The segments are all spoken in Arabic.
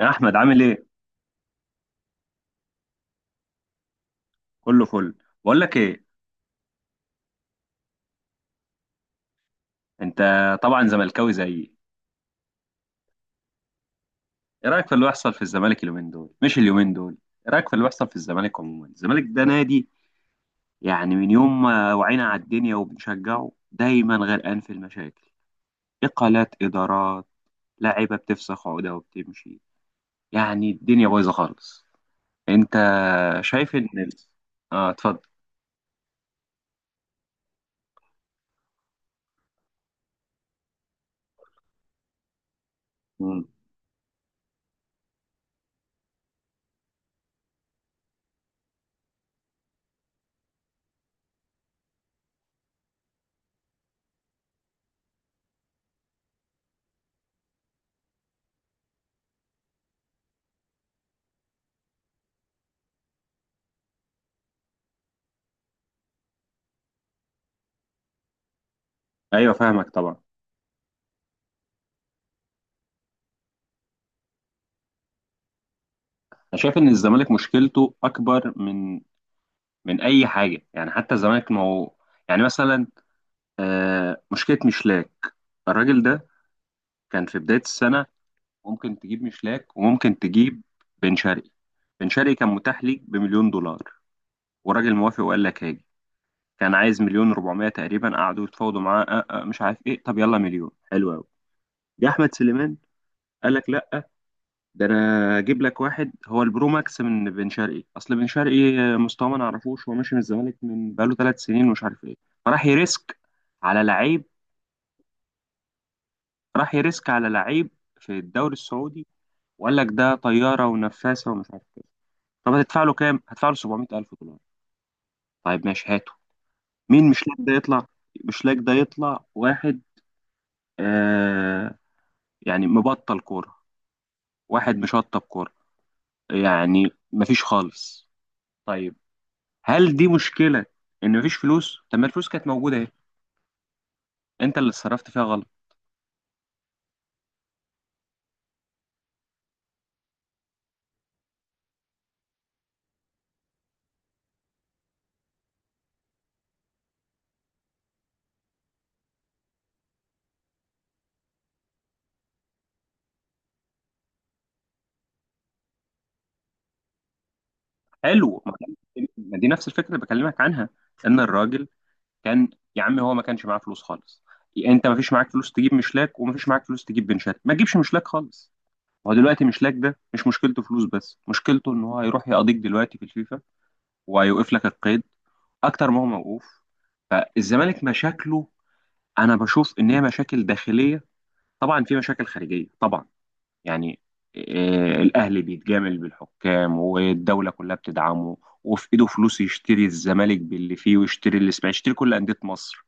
يا احمد، عامل ايه؟ كله فل. بقول لك ايه؟ انت طبعا زملكاوي زيي. ايه رايك في اللي بيحصل في الزمالك اليومين دول؟ مش اليومين دول، ايه رايك في اللي بيحصل في الزمالك عموما؟ الزمالك ده نادي، يعني من يوم ما وعينا على الدنيا وبنشجعه، دايما غرقان في المشاكل. اقالات ادارات، لعيبه بتفسخ عقده وبتمشي، يعني الدنيا بايظه خالص. انت شايف ان ال-. اه، اتفضل. مم. ايوه، فاهمك طبعا. انا شايف ان الزمالك مشكلته اكبر من اي حاجه، يعني حتى الزمالك ما هو. يعني مثلا مشكله مشلاك. الراجل ده كان في بدايه السنه، ممكن تجيب مشلاك وممكن تجيب بن شرقي. بن شرقي كان متاح ليك بمليون دولار، وراجل موافق وقال لك هاجي. كان عايز مليون و400 تقريبا، قعدوا يتفاوضوا معاه أه أه مش عارف ايه. طب يلا، مليون حلو قوي. جه احمد سليمان قال لك لا، ده انا اجيب لك واحد هو البرو ماكس من بن شرقي. اصل بن شرقي مستواه ما نعرفوش، هو ماشي من الزمالك من بقاله 3 سنين ومش عارف ايه. فراح يريسك على لعيب، راح يريسك على لعيب في الدوري السعودي وقال لك ده طياره ونفاسه ومش عارف ايه. طب هتدفع له كام؟ هتدفع له 700,000 دولار. طيب ماشي، هاته. مين مش لاك ده يطلع؟ مش لاك ده يطلع واحد، آه يعني مبطل كوره، واحد مشطب كوره، يعني مفيش خالص. طيب، هل دي مشكله ان مفيش فلوس؟ طب ما الفلوس كانت موجوده اهي، انت اللي اتصرفت فيها غلط. حلو، ما دي نفس الفكره اللي بكلمك عنها، ان الراجل كان. يا عم هو ما كانش معاه فلوس خالص. انت مفيش معاك فلوس تجيب مشلاك ومفيش معاك فلوس تجيب بنشات، ما تجيبش مشلاك خالص. هو دلوقتي مشلاك ده مش مشكلته فلوس بس، مشكلته ان هو هيروح يقضيك دلوقتي في الفيفا وهيوقف لك القيد اكتر ما هو موقوف. فالزمالك مشاكله، انا بشوف ان هي مشاكل داخليه. طبعا في مشاكل خارجيه طبعا، يعني الأهلي بيتجامل بالحكام والدولة كلها بتدعمه، وفي إيده فلوس يشتري الزمالك باللي فيه ويشتري الإسماعيلي، يشتري كل أندية مصر.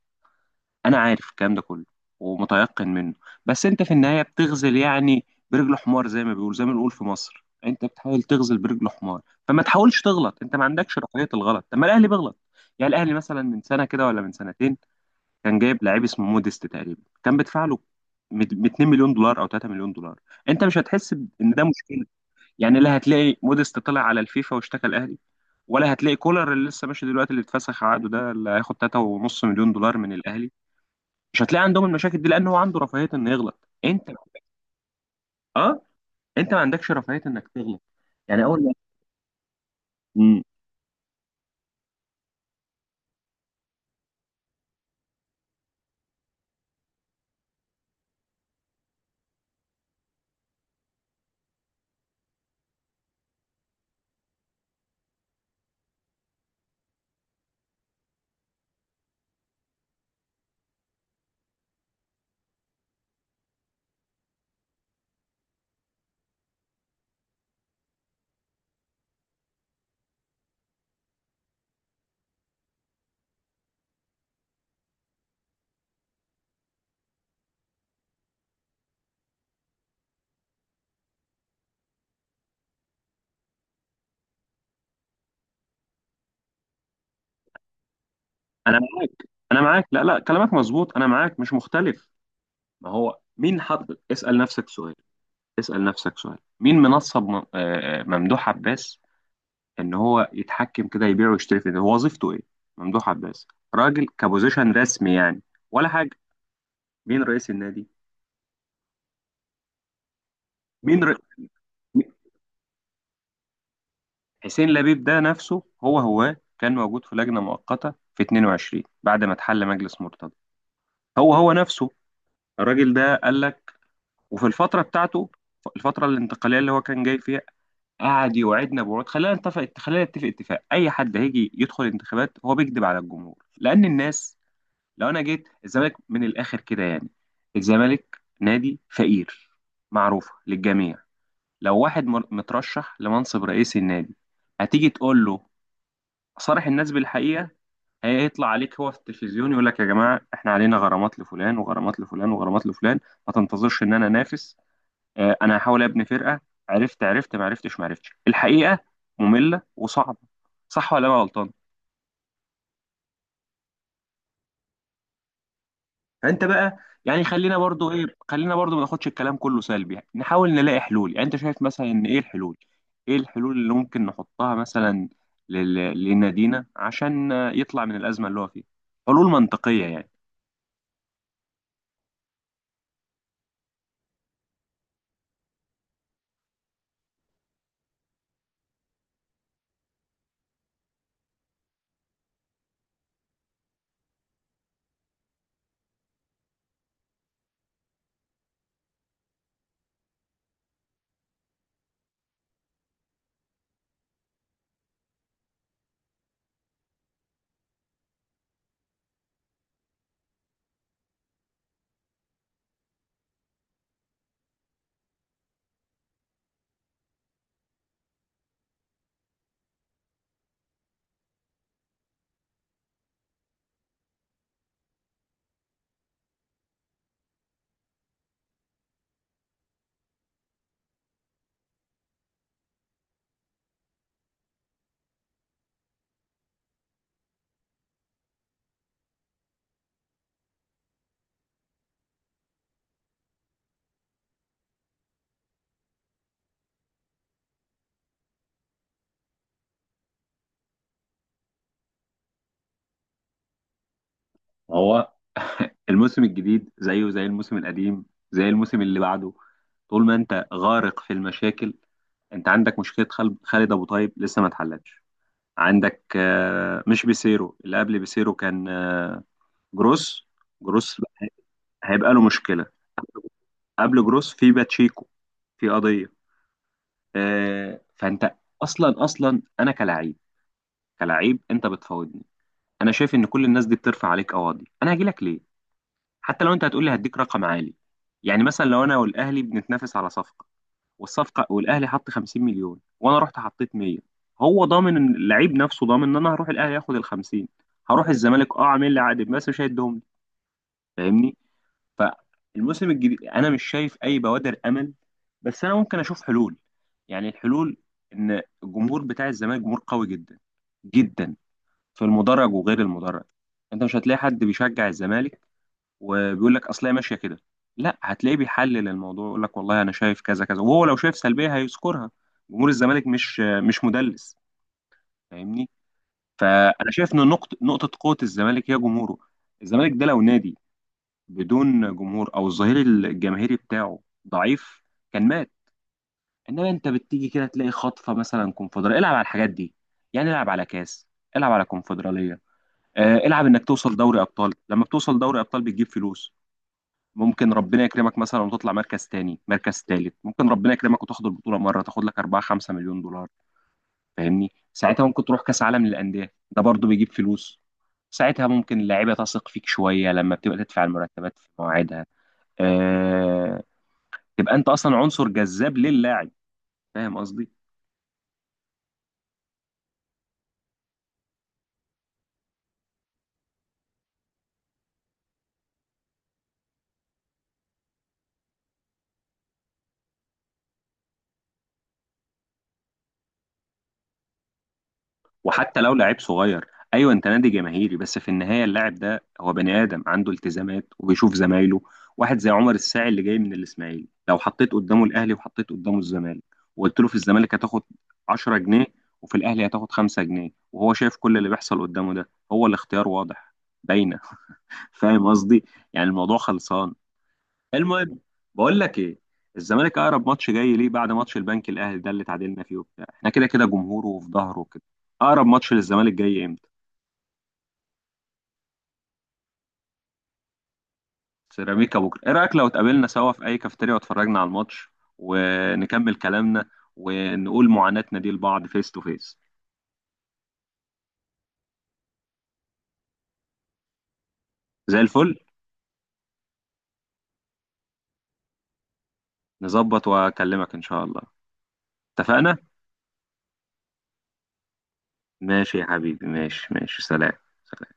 أنا عارف الكلام ده كله ومتيقن منه، بس أنت في النهاية بتغزل يعني برجل حمار. زي ما بيقول، زي ما بنقول في مصر، أنت بتحاول تغزل برجل حمار. فما تحاولش تغلط، أنت ما عندكش رقية الغلط. طب ما الأهلي بيغلط. يعني الأهلي مثلا من سنة كده ولا من سنتين، كان جايب لعيب اسمه موديست تقريبا، كان بدفع له ب 2 مليون دولار او 3 مليون دولار. انت مش هتحس ان ده مشكله. يعني لا هتلاقي موديست طلع على الفيفا واشتكى الاهلي، ولا هتلاقي كولر اللي لسه ماشي دلوقتي، اللي اتفسخ عقده ده، اللي هياخد 3.5 مليون دولار من الاهلي. مش هتلاقي عندهم المشاكل دي لان هو عنده رفاهيه انه يغلط. انت، اه، انت ما عندكش رفاهيه انك تغلط. يعني اول ما. مم. انا معاك انا معاك، لا لا، كلامك مظبوط، انا معاك مش مختلف. ما هو مين حط؟ اسال نفسك سؤال، مين منصب ممدوح عباس ان هو يتحكم كده يبيع ويشتري في ده؟ هو وظيفته ايه ممدوح عباس؟ راجل كبوزيشن رسمي يعني، ولا حاجة؟ مين رئيس النادي؟ مين ر... حسين لبيب ده نفسه، هو كان موجود في لجنة مؤقتة في 22 بعد ما اتحل مجلس مرتضى. هو نفسه الراجل ده قال لك، وفي الفترة بتاعته، الفترة الانتقالية اللي هو كان جاي فيها، قعد يوعدنا بوعود. خلينا نتفق اتفاق، اي حد هيجي يدخل انتخابات هو بيكذب على الجمهور، لان الناس. لو انا جيت الزمالك من الاخر كده، يعني الزمالك نادي فقير، معروفه للجميع. لو واحد مترشح لمنصب رئيس النادي، هتيجي تقول له صارح الناس بالحقيقه. هيطلع عليك هو في التلفزيون يقول لك يا جماعه، احنا علينا غرامات لفلان وغرامات لفلان وغرامات لفلان، ما تنتظرش ان انا انافس، انا هحاول ابني فرقه. عرفت؟ عرفت؟ ما عرفتش، ما عرفتش، الحقيقه ممله وصعبه، صح ولا انا غلطان؟ فانت بقى، يعني خلينا برضو ما ناخدش الكلام كله سلبي، يعني نحاول نلاقي حلول. يعني انت شايف مثلا ان ايه الحلول اللي ممكن نحطها مثلا لنادينا عشان يطلع من الازمه اللي هو فيها، حلول منطقيه يعني. هو الموسم الجديد زيه زي الموسم القديم، زي الموسم اللي بعده. طول ما انت غارق في المشاكل. انت عندك مشكله، خالد ابو طيب لسه ما اتحلتش. عندك مش بيسيرو، اللي قبل بيسيرو كان جروس. جروس هيبقى له مشكله. قبل جروس في باتشيكو، في قضيه، فانت اصلا اصلا انا كلاعب. كلاعب انت بتفاوضني، انا شايف ان كل الناس دي بترفع عليك قواضي، انا هاجي لك ليه؟ حتى لو انت هتقول لي هديك رقم عالي. يعني مثلا لو انا والاهلي بنتنافس على صفقه، والاهلي حط 50 مليون وانا رحت حطيت 100. هو ضامن إن اللعيب نفسه ضامن ان انا هروح الاهلي هاخد ال 50؟ هروح الزمالك، عامل لي عقد بس مش هيديهم لي. فاهمني. فالموسم الجديد انا مش شايف اي بوادر امل. بس انا ممكن اشوف حلول. يعني الحلول، ان الجمهور بتاع الزمالك جمهور قوي جدا جدا، في المدرج وغير المدرج. انت مش هتلاقي حد بيشجع الزمالك وبيقول لك اصل هي ماشيه كده، لا، هتلاقيه بيحلل الموضوع، يقول لك والله انا شايف كذا كذا، وهو لو شايف سلبيه هيذكرها. جمهور الزمالك مش مدلس. فاهمني. فانا شايف ان نقطه قوه الزمالك هي جمهوره. الزمالك ده لو نادي بدون جمهور او الظهير الجماهيري بتاعه، ضعيف، كان مات. انما انت بتيجي كده تلاقي خطفه مثلا كونفدراليه، العب على الحاجات دي. يعني العب على كاس، العب على كونفدراليه، العب انك توصل دوري ابطال. لما بتوصل دوري ابطال بتجيب فلوس. ممكن ربنا يكرمك مثلا وتطلع مركز تاني، مركز تالت، ممكن ربنا يكرمك وتاخد البطوله مره، تاخد لك 4 5 مليون دولار. فاهمني. ساعتها ممكن تروح كاس عالم للانديه، ده برضو بيجيب فلوس. ساعتها ممكن اللعيبه تثق فيك شويه لما بتبقى تدفع المرتبات في مواعيدها. أه... تبقى انت اصلا عنصر جذاب للاعب. فاهم قصدي. وحتى لو لعيب صغير، ايوه انت نادي جماهيري، بس في النهايه اللاعب ده هو بني ادم عنده التزامات وبيشوف زمايله. واحد زي عمر الساعي اللي جاي من الاسماعيلي، لو حطيت قدامه الاهلي وحطيت قدامه الزمالك وقلت له في الزمالك هتاخد 10 جنيه وفي الاهلي هتاخد 5 جنيه، وهو شايف كل اللي بيحصل قدامه ده، هو الاختيار واضح، باينه. فاهم قصدي. يعني الموضوع خلصان. المهم، بقول لك ايه، الزمالك اقرب ماتش جاي ليه بعد ماتش البنك الاهلي ده اللي تعادلنا فيه وبتاع، احنا كده كده جمهوره وفي ظهره وكده، اقرب ماتش للزمالك جاي امتى؟ سيراميكا بكره. ايه رايك لو اتقابلنا سوا في اي كافيتيريا واتفرجنا على الماتش ونكمل كلامنا ونقول معاناتنا دي لبعض فيس تو فيس؟ زي الفل. نظبط واكلمك ان شاء الله. اتفقنا. ماشي يا حبيبي، ماشي ماشي، سلام. سلام.